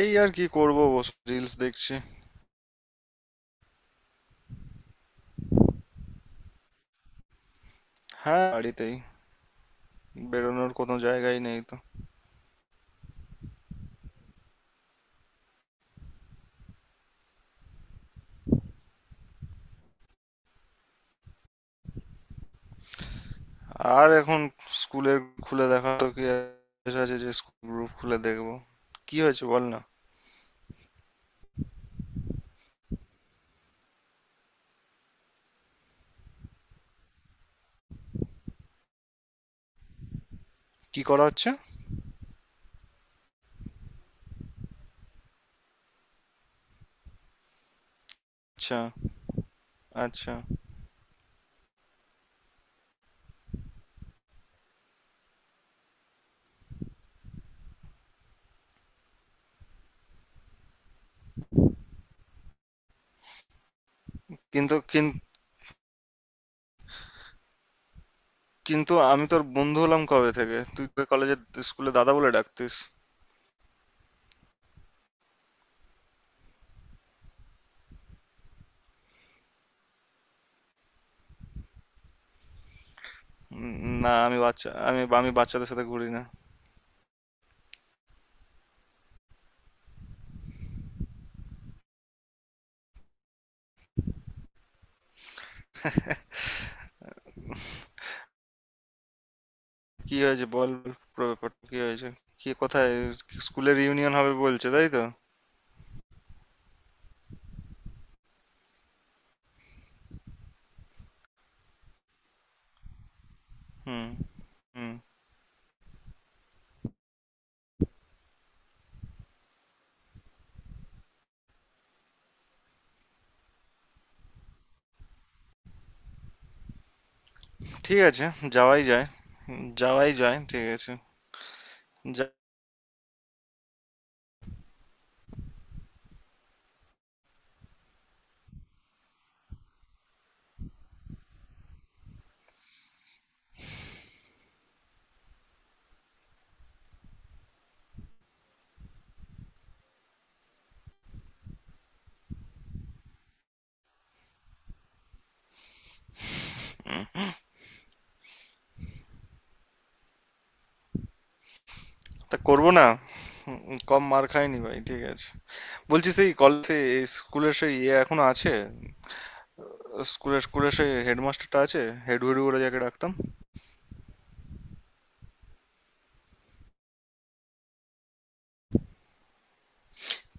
এই আর কি করবো, বসে রিলস দেখছি। হ্যাঁ, বাড়িতেই। বেরোনোর কোনো জায়গাই নেই তো। আর এখন স্কুলের খুলে দেখা তো, কি আর আছে যে স্কুল গ্রুপ খুলে দেখবো? কি হয়েছে বল না। কি করা হচ্ছে? আচ্ছা। আচ্ছা। কিন্তু কিন- কিন্তু আমি তোর বন্ধু হলাম কবে থেকে? তুই তো কলেজে স্কুলে দাদা বলে ডাকতিস। উম, না, আমি বাচ্চা, আমি আমি বাচ্চাদের সাথে ঘুরি না। কি হয়েছে, বল বল, পুরো ব্যাপারটা কি হয়েছে? কি, কোথায়? স্কুলের ইউনিয়ন হবে বলছে, তাই তো? হুম হুম। ঠিক আছে, যাওয়াই যায়। হুম, যাওয়াই যায়, ঠিক আছে। যা, তা করবো না। কম মার খাইনি ভাই, ঠিক আছে। বলছি সেই কলেজে স্কুলের সেই ইয়ে এখনো আছে? স্কুলের স্কুলের সেই হেডমাস্টারটা আছে? হেড হুডু বলে যাকে ডাকতাম।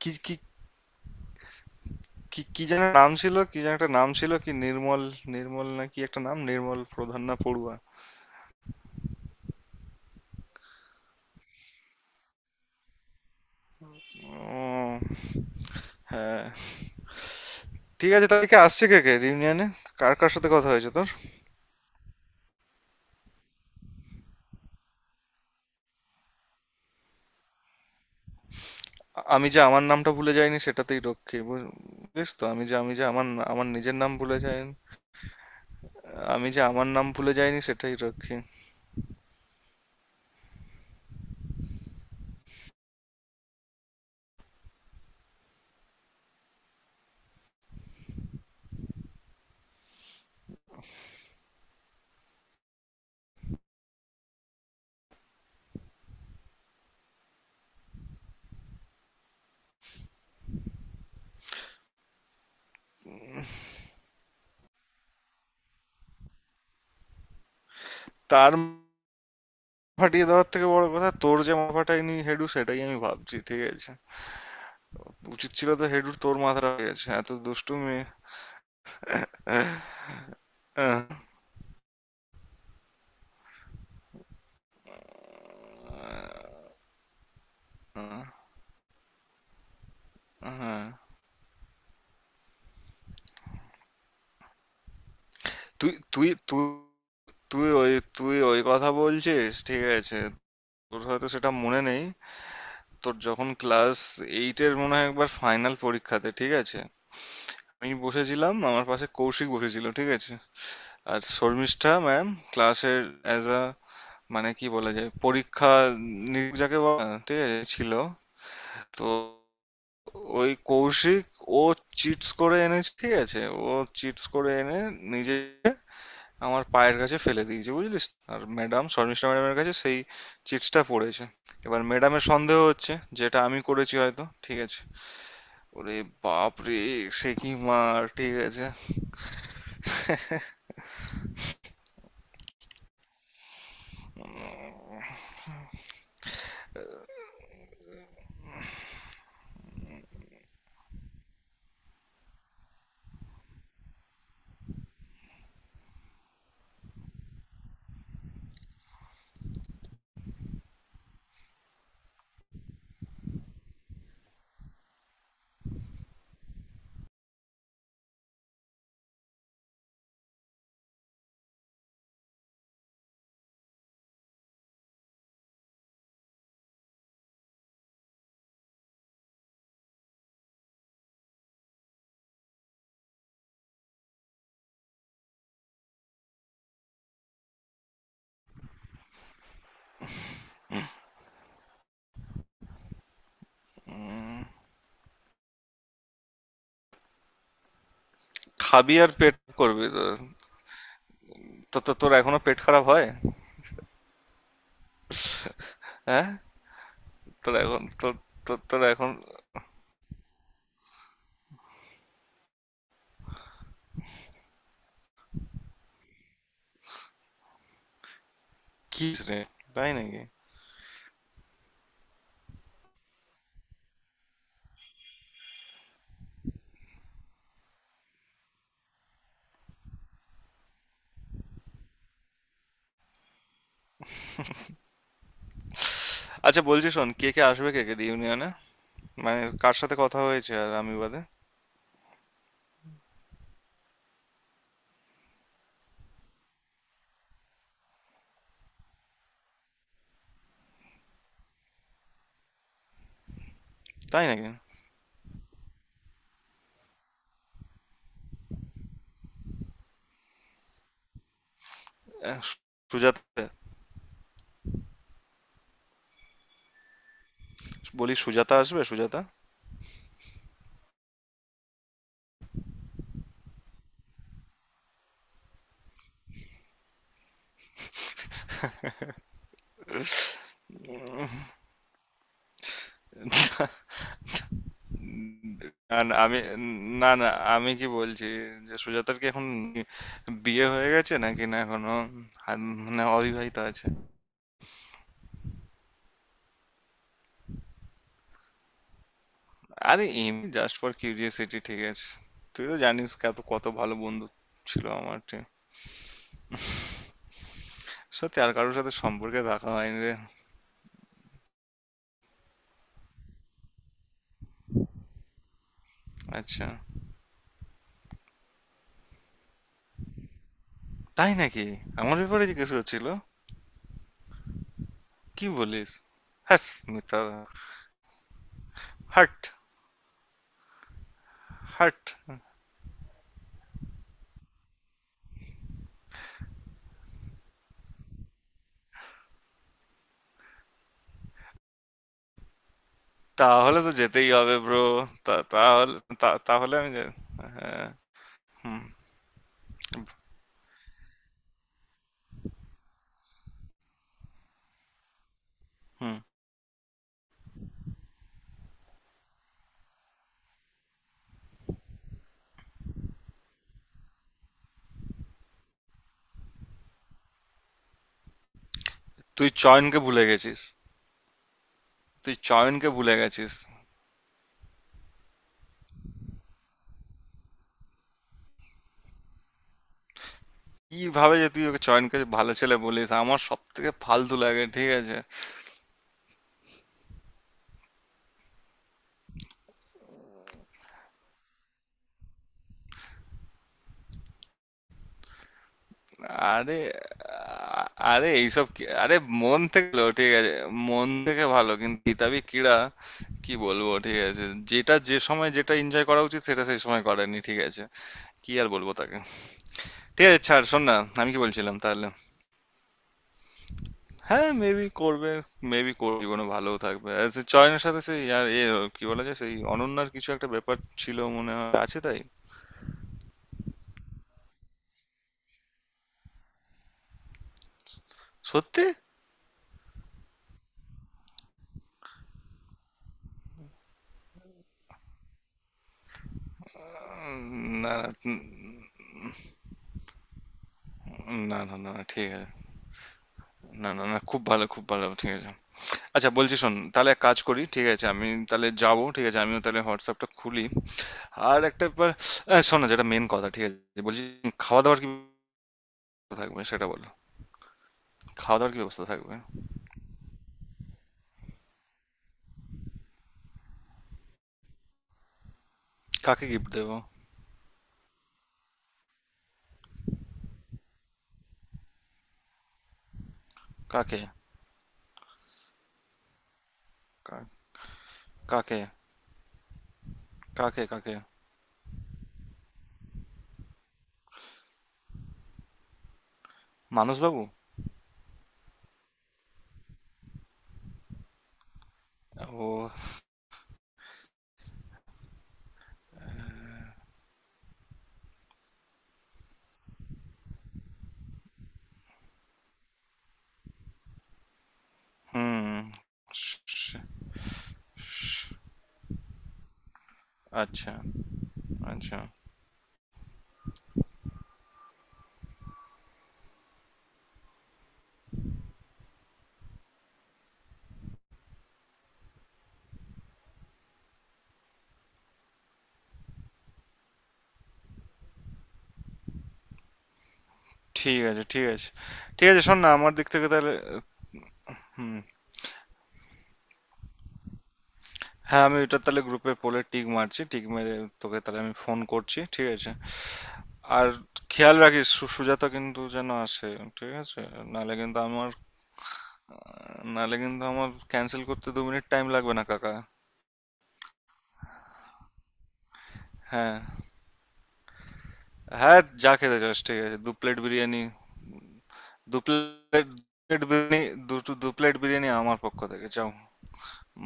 কি কি কি কি যেন নাম ছিল, কি যেন একটা নাম ছিল, কি নির্মল, নির্মল না কি একটা নাম, নির্মল প্রধান না পড়ুয়া? ও, হ্যাঁ। ঠিক আছে, তাহলে কি আসছে, কে কে রিউনিয়নে? কার কার সাথে কথা হয়েছে তোর? আমি যে আমার নামটা ভুলে যাইনি সেটাতেই রক্ষী। বুঝিস তো, আমি যে আমার আমার নিজের নাম ভুলে যাইনি, আমি যে আমার নাম ভুলে যাইনি সেটাই রক্ষী। তার মাথা ফাটিয়ে দেওয়ার থেকে বড় কথা, তোর যে মাথা ফাটায়নি হেডু সেটাই আমি ভাবছি, ঠিক আছে। উচিত ছিল তো হেডুর, তোর মাথাটা হয়ে গেছে এত দুষ্টু মেয়ে। আহ, আহ, হ্যাঁ। তুই তুই তুই তুই ওই তুই ওই কথা বলছিস, ঠিক আছে। তোর হয়তো সেটা মনে নেই। তোর যখন ক্লাস এইটের মনে হয় একবার ফাইনাল পরীক্ষাতে, ঠিক আছে, আমি বসেছিলাম, আমার পাশে কৌশিক বসেছিল, ঠিক আছে। আর শর্মিষ্ঠা ম্যাম ক্লাসের অ্যাজ আ, মানে কি বলা যায়, পরীক্ষা নিরীক্ষক যাকে বলে না, ঠিক আছে, ছিল। তো ওই কৌশিক ও চিটস করে এনেছে, ঠিক আছে। ও চিটস করে এনে নিজে আমার পায়ের কাছে ফেলে দিয়েছে বুঝলিস। আর ম্যাডাম, শর্মিষ্ঠা ম্যাডামের কাছে সেই চিটসটা পড়েছে। এবার ম্যাডামের সন্দেহ হচ্ছে যেটা আমি করেছি হয়তো, ঠিক আছে। ওরে বাপ রে, সে কি মার, ঠিক আছে। উম, খাবি আর পেট করবি তো? তো- তো- তোর এখনো পেট খারাপ হয়? হ্যাঁ, তোর এখন, তোর, তোর এখন... কি রে, তাই নাকি? আচ্ছা, বলছি শোন, কে কে আসবে, কে কে ইউনিয়নে, মানে কার সাথে কথা হয়েছে আর আমি বাদে? তাই নাকি? আহ, সু- সুজাতা, বলি সুজাতা আসবে? সুজাতা? না, না, আমি, না, না, আমি কি বলছি, যে সুজাতার কি এখন বিয়ে হয়ে গেছে নাকি, না এখনো মানে অবিবাহিত আছে? আরে এমনি জাস্ট ফর কিউরিয়াসিটি, ঠিক আছে। তুই তো জানিস কত কত ভালো বন্ধু ছিল আমার, ঠিক। সত্যি আর কারোর সাথে সম্পর্কে দেখা হয়নি রে। আচ্ছা। তাই নাকি? আমার ব্যাপারে জিজ্ঞেস করছিল? কি বলিস! হ্যাস মিথ্যা। হাট। হাট। তাহলে তো যেতেই হবে, ব্রো। তাহলে, তাহলে আমি যে-, হ্যাঁ। হুম। হুম, তুই চয়নকে ভুলে গেছিস। তুই চয়নকে ভুলে গেছিস। কিভাবে যে তুই ওকে, চয়নকে, ভালো ছেলে বলিস, আমার সবথেকে ফালতু লাগে, ঠিক আছে। আরে, আরে এইসব কি, আরে মন থেকে ভালো, ঠিক আছে, মন থেকে ভালো কিন্তু কিতাবি কিড়া, কি বলবো, ঠিক আছে। যেটা যে সময় যেটা এনজয় করা উচিত সেটা সেই সময় করেনি, ঠিক আছে। কি আর বলবো তাকে? ঠিক আছে, ছাড়, শোন না, আমি কি বলছিলাম তাহলে? হ্যাঁ, মেবি করবে, মেবি করবে জীবনে, ভালোও থাকবে, আর সে চয়নের সাথে সেই, আর এ কি বলা যায়, সেই অনন্যার কিছু একটা ব্যাপার ছিল মনে হয়, আছে তাই? সত্যি? উম, না, না। না, না, না, ঠিক আছে। না, না, না, খুব ভালো, খুব ভালো, ঠিক আছে। আচ্ছা, বলছি শোন, তাহলে এক কাজ করি, ঠিক আছে, আমি তাহলে যাব, ঠিক আছে, আমিও তাহলে হোয়াটসঅ্যাপটা খুলি। আর একটা ব্যাপার, শোন না, যেটা মেন কথা, ঠিক আছে, বলছি, খাওয়া দাওয়ার কি ব্যবস্থা থাকবে সেটা বলো? খাওয়া দাওয়ার কি ব্যবস্থা থাকবে? কাকে গিফট দেবো? কাকে? কা- কাকে? কাকে কাকে? মানসবাবু? ও। হুম। স- স- আচ্ছা। আচ্ছা। ঠিক আছে। ঠিক আছে। ঠিক আছে, শোন না, আমার দিক থেকে তাহলে, হুম, হ্যাঁ, আমি এটা তাহলে গ্রুপে পোলে টিক মারছি, টিক মেরে তোকে তাহলে আমি ফোন করছি, ঠিক আছে। আর খেয়াল রাখিস, সুজাতা কিন্তু যেন আসে, ঠিক আছে। নালে কিন্তু আমার নালে কিন্তু আমার ক্যান্সেল করতে 2 মিনিট টাইম লাগবে না কাকা। হ্যাঁ, হ্যাঁ, যা খেতে চাস, ঠিক আছে, দু প্লেট বিরিয়ানি, দু প্লেট প্লেট বিরিয়ানি, দু প্লেট বিরিয়ানি আমার পক্ষ থেকে, যাও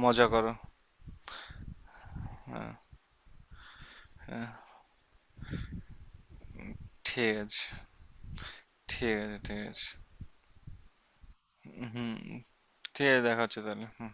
মজা করো। হ্যাঁ, হ্যাঁ। ঠিক আছে, ঠিক আছে, ঠিক আছে। হুম, ঠিক আছে, দেখা হচ্ছে তাহলে, হুম।